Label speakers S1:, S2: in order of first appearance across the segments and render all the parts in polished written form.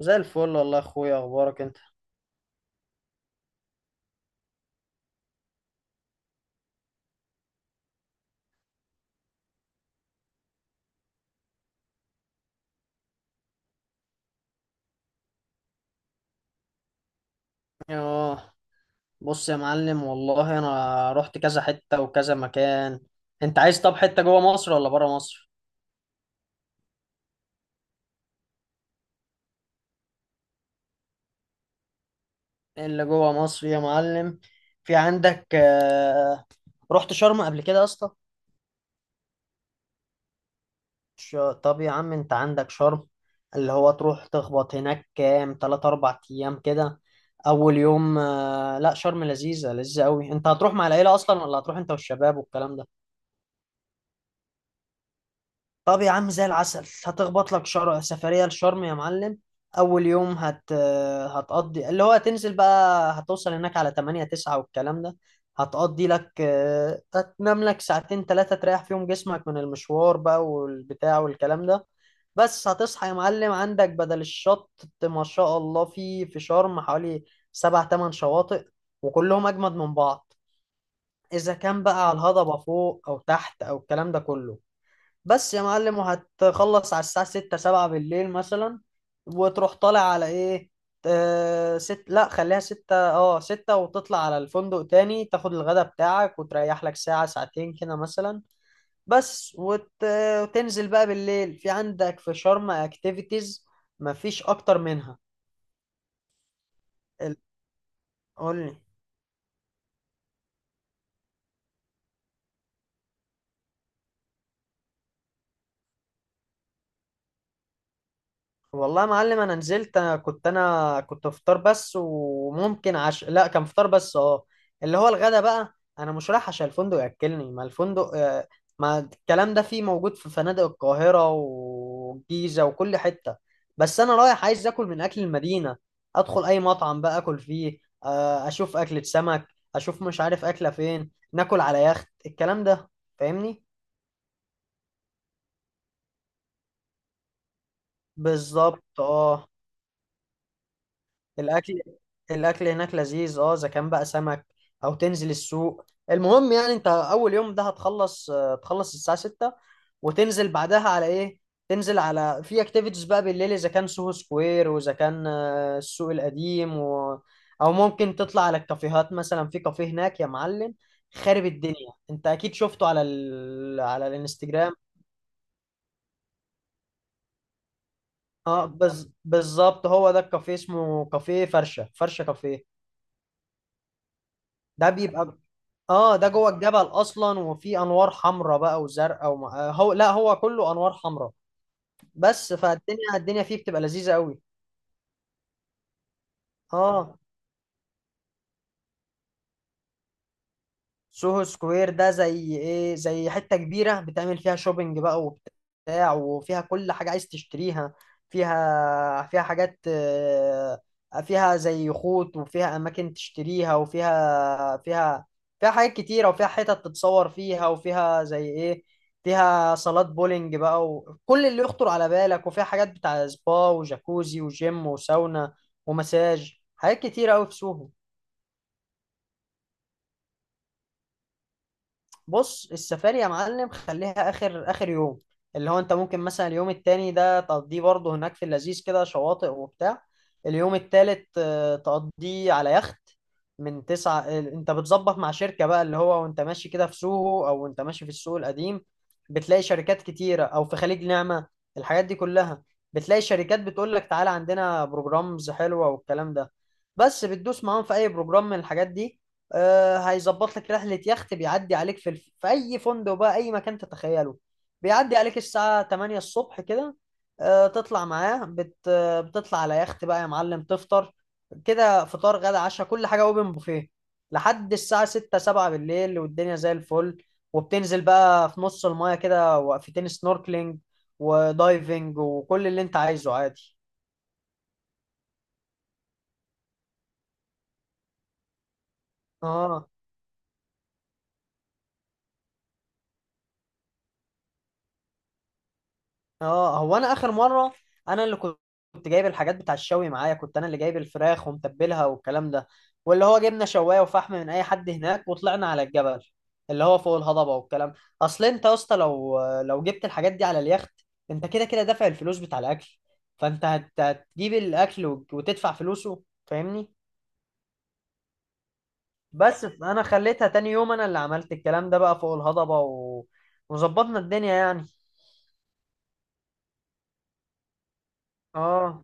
S1: زي الفل والله يا اخويا، اخبارك انت؟ اه، بص يا معلم، والله انا رحت كذا حتة وكذا مكان. انت عايز؟ طب حتة جوه مصر ولا بره مصر؟ اللي جوه مصر يا معلم. في عندك، رحت شرم قبل كده يا اسطى؟ ش- طب يا عم، انت عندك شرم اللي هو تروح تخبط هناك كام تلات اربع ايام كده. اول يوم، لا، شرم لذيذة لذيذة قوي. انت هتروح مع العيلة اصلا ولا هتروح انت والشباب والكلام ده؟ طب يا عم زي العسل. هتخبط لك سفرية لشرم يا معلم. أول يوم هتقضي اللي هو هتنزل بقى. هتوصل هناك على 8 9 والكلام ده. هتقضي لك، هتنام لك ساعتين ثلاثة تريح فيهم جسمك من المشوار بقى والبتاع والكلام ده. بس هتصحى يا معلم، عندك بدل الشط. ما شاء الله، في شرم حوالي سبع تمن شواطئ، وكلهم أجمد من بعض، إذا كان بقى على الهضبة فوق أو تحت أو الكلام ده كله. بس يا معلم، وهتخلص على الساعة ستة سبعة بالليل مثلا، وتروح طالع على ايه؟ ست، لا خليها ستة، اه ستة، وتطلع على الفندق تاني، تاخد الغدا بتاعك وتريح لك ساعة ساعتين كده مثلا. بس، وتنزل بقى بالليل، في عندك في شرم اكتيفيتيز، مفيش اكتر منها. ال- قول لي. والله يا معلم انا نزلت، أنا كنت فطار بس، وممكن عشاء، لا كان فطار بس اه. اللي هو الغدا بقى، انا مش رايح عشان الفندق ياكلني، ما الفندق، ما الكلام ده فيه موجود في فنادق القاهرة والجيزة وكل حتة. بس انا رايح عايز اكل من اكل المدينة، ادخل اي مطعم بقى اكل فيه، اشوف اكلة سمك، اشوف مش عارف اكلة فين، ناكل على يخت، الكلام ده. فاهمني؟ بالظبط اه. الاكل الاكل هناك لذيذ، اذا كان بقى سمك، او تنزل السوق. المهم يعني انت اول يوم ده هتخلص، تخلص الساعه 6، وتنزل بعدها على ايه؟ تنزل على في اكتيفيتيز بقى بالليل، اذا كان سوهو سكوير واذا كان السوق القديم، او ممكن تطلع على الكافيهات مثلا. في كافيه هناك يا معلم خارب الدنيا، انت اكيد شفته على على الانستجرام. اه، بالظبط، هو ده الكافيه، اسمه كافيه فرشة فرشة كافيه. ده بيبقى اه، ده جوه الجبل اصلا، وفي انوار حمراء بقى وزرقاء وم... آه، هو، لا هو كله انوار حمراء، بس فالدنيا الدنيا فيه بتبقى لذيذة قوي. اه، سوهو سكوير ده زي ايه؟ زي حتة كبيرة بتعمل فيها شوبينج بقى وبتاع، وفيها كل حاجة عايز تشتريها، فيها حاجات، فيها زي خوط وفيها أماكن تشتريها، وفيها فيها فيها حاجات كتيرة، وفيها حتت تتصور فيها، وفيها زي ايه، فيها صالات بولينج بقى وكل اللي يخطر على بالك، وفيها حاجات بتاع سبا وجاكوزي وجيم وساونا ومساج، حاجات كتيرة أوي في سوهو. بص السفاري يا معلم، خليها اخر اخر يوم، اللي هو انت ممكن مثلا اليوم التاني ده تقضيه برضه هناك في اللذيذ كده، شواطئ وبتاع. اليوم التالت، تقضيه على يخت، من 9، انت بتظبط مع شركة بقى، اللي هو وانت ماشي كده في سوهو او وانت ماشي في السوق القديم بتلاقي شركات كتيرة، او في خليج نعمة، الحاجات دي كلها بتلاقي شركات بتقول لك تعالى عندنا بروجرامز حلوة والكلام ده. بس بتدوس معاهم في اي بروجرام من الحاجات دي، هيظبط لك رحلة يخت، بيعدي عليك في أي فندق بقى، أي مكان تتخيله، بيعدي عليك الساعة 8 الصبح كده، تطلع معاه بت... آه، بتطلع على يخت بقى يا معلم، تفطر كده، فطار غدا عشاء كل حاجة اوبن بوفيه، لحد الساعة 6 7 بالليل، والدنيا زي الفل. وبتنزل بقى في نص المايه كده، وقفتين سنوركلينج ودايفنج وكل اللي انت عايزه عادي. اه، اه، هو انا اخر مره، انا اللي كنت جايب الحاجات بتاع الشوي معايا، كنت انا اللي جايب الفراخ ومتبلها والكلام ده، واللي هو جبنا شوايه وفحم من اي حد هناك، وطلعنا على الجبل اللي هو فوق الهضبه والكلام. اصل انت يا اسطى، لو جبت الحاجات دي على اليخت، انت كده كده دافع الفلوس بتاع الاكل، فانت هتجيب الاكل وتدفع فلوسه. فاهمني؟ بس انا خليتها تاني يوم، انا اللي عملت الكلام ده بقى فوق الهضبه، وظبطنا الدنيا يعني. اه.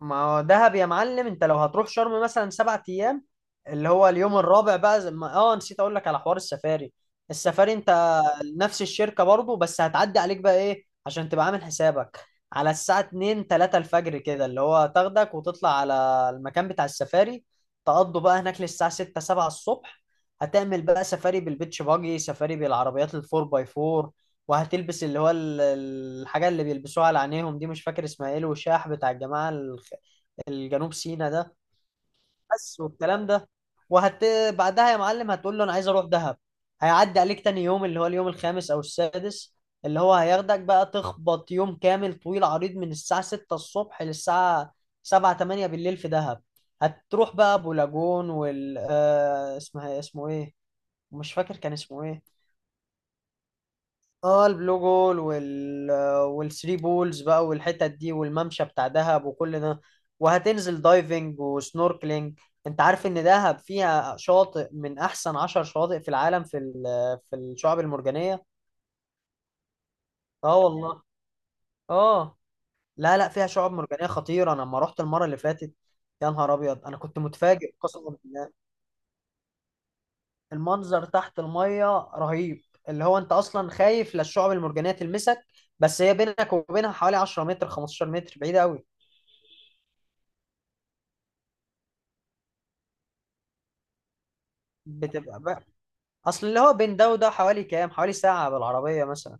S1: ما هو دهب يا معلم، انت لو هتروح شرم مثلا 7 ايام، اللي هو اليوم الرابع بقى زي ما، نسيت اقول لك على حوار السفاري. السفاري، انت نفس الشركة برضو، بس هتعدي عليك بقى ايه عشان تبقى عامل حسابك على الساعة 2 3 الفجر كده، اللي هو تاخدك وتطلع على المكان بتاع السفاري، تقضوا بقى هناك للساعة 6 7 الصبح. هتعمل بقى سفاري بالبيتش باجي، سفاري بالعربيات الفور باي فور، وهتلبس اللي هو الحاجة اللي بيلبسوها على عينيهم دي، مش فاكر اسمها ايه، الوشاح بتاع الجماعة الجنوب سينا ده، بس والكلام ده. وهت بعدها يا معلم هتقول له انا عايز اروح دهب، هيعدي عليك تاني يوم اللي هو اليوم الخامس او السادس، اللي هو هياخدك بقى تخبط يوم كامل طويل عريض من الساعة 6 الصبح للساعة 7 8 بالليل في دهب. هتروح بقى ابو لاجون، وال آه، اسمها اسمه ايه، مش فاكر كان اسمه ايه. اه، البلو جول، والثري بولز بقى والحتت دي والممشى بتاع دهب وكل ده، وهتنزل دايفنج وسنوركلينج. انت عارف ان دهب فيها شاطئ من احسن 10 شواطئ في العالم، في في الشعاب المرجانية. اه والله. اه، لا لا، فيها شعاب مرجانية خطيرة، انا لما رحت المرة اللي فاتت، يا نهار ابيض، انا كنت متفاجئ قسما بالله. المنظر تحت المية رهيب، اللي هو انت اصلا خايف لا الشعب المرجانية تلمسك، بس هي بينك وبينها حوالي 10 متر 15 متر، بعيدة قوي. بتبقى بقى. اصل اللي هو بين ده وده حوالي كام، حوالي ساعة بالعربية مثلا.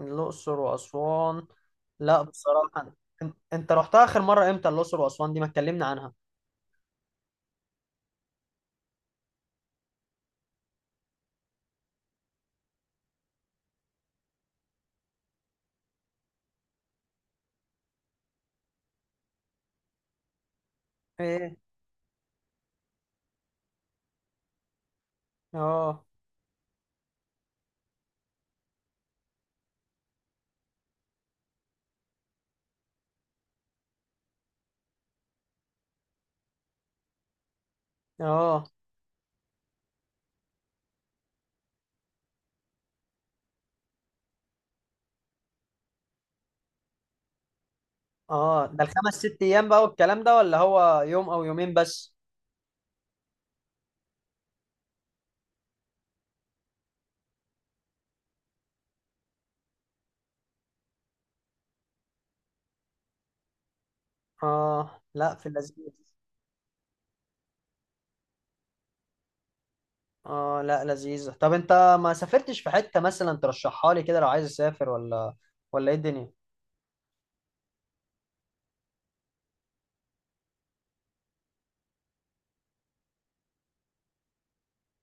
S1: الأقصر وأسوان. لا بصراحة، انت رحتها آخر مرة امتى؟ الأقصر وأسوان دي ما اتكلمنا عنها. ايه؟ اه اه اه، ده الخمس ست ايام بقى والكلام ده ولا هو يوم او يومين بس؟ اه، لا في اللذيذ. اه، لا لذيذة. طب انت ما سافرتش في حتة مثلا ترشحها لي كده لو عايز اسافر، ولا ايه الدنيا؟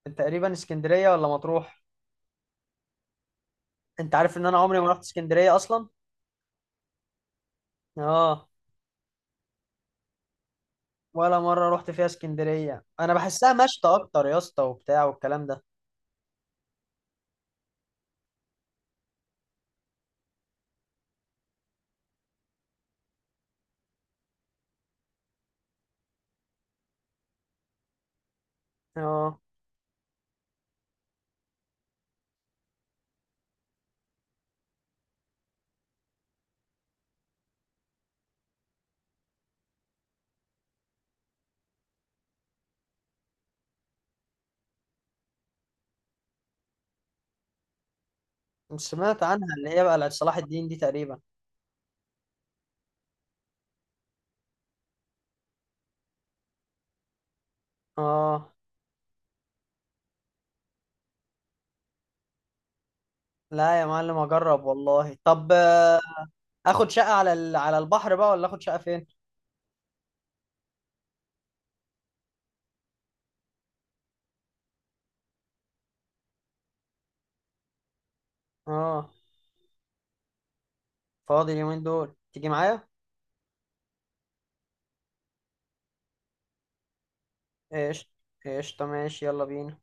S1: انت تقريبا اسكندرية ولا مطروح؟ انت عارف ان انا عمري ما رحت اسكندرية اصلا. اه، ولا مرة رحت فيها اسكندرية، انا بحسها مشتى اكتر يا اسطى وبتاع والكلام ده. اه، سمعت عنها، اللي هي بقى بتاعت صلاح الدين دي تقريبا. اه، لا يا معلم اجرب والله. طب، اخد شقة على على البحر بقى، ولا اخد شقة فين؟ اه، فاضي اليومين دول، تيجي معايا؟ ايش؟ ايش؟ طب ماشي، يلا بينا.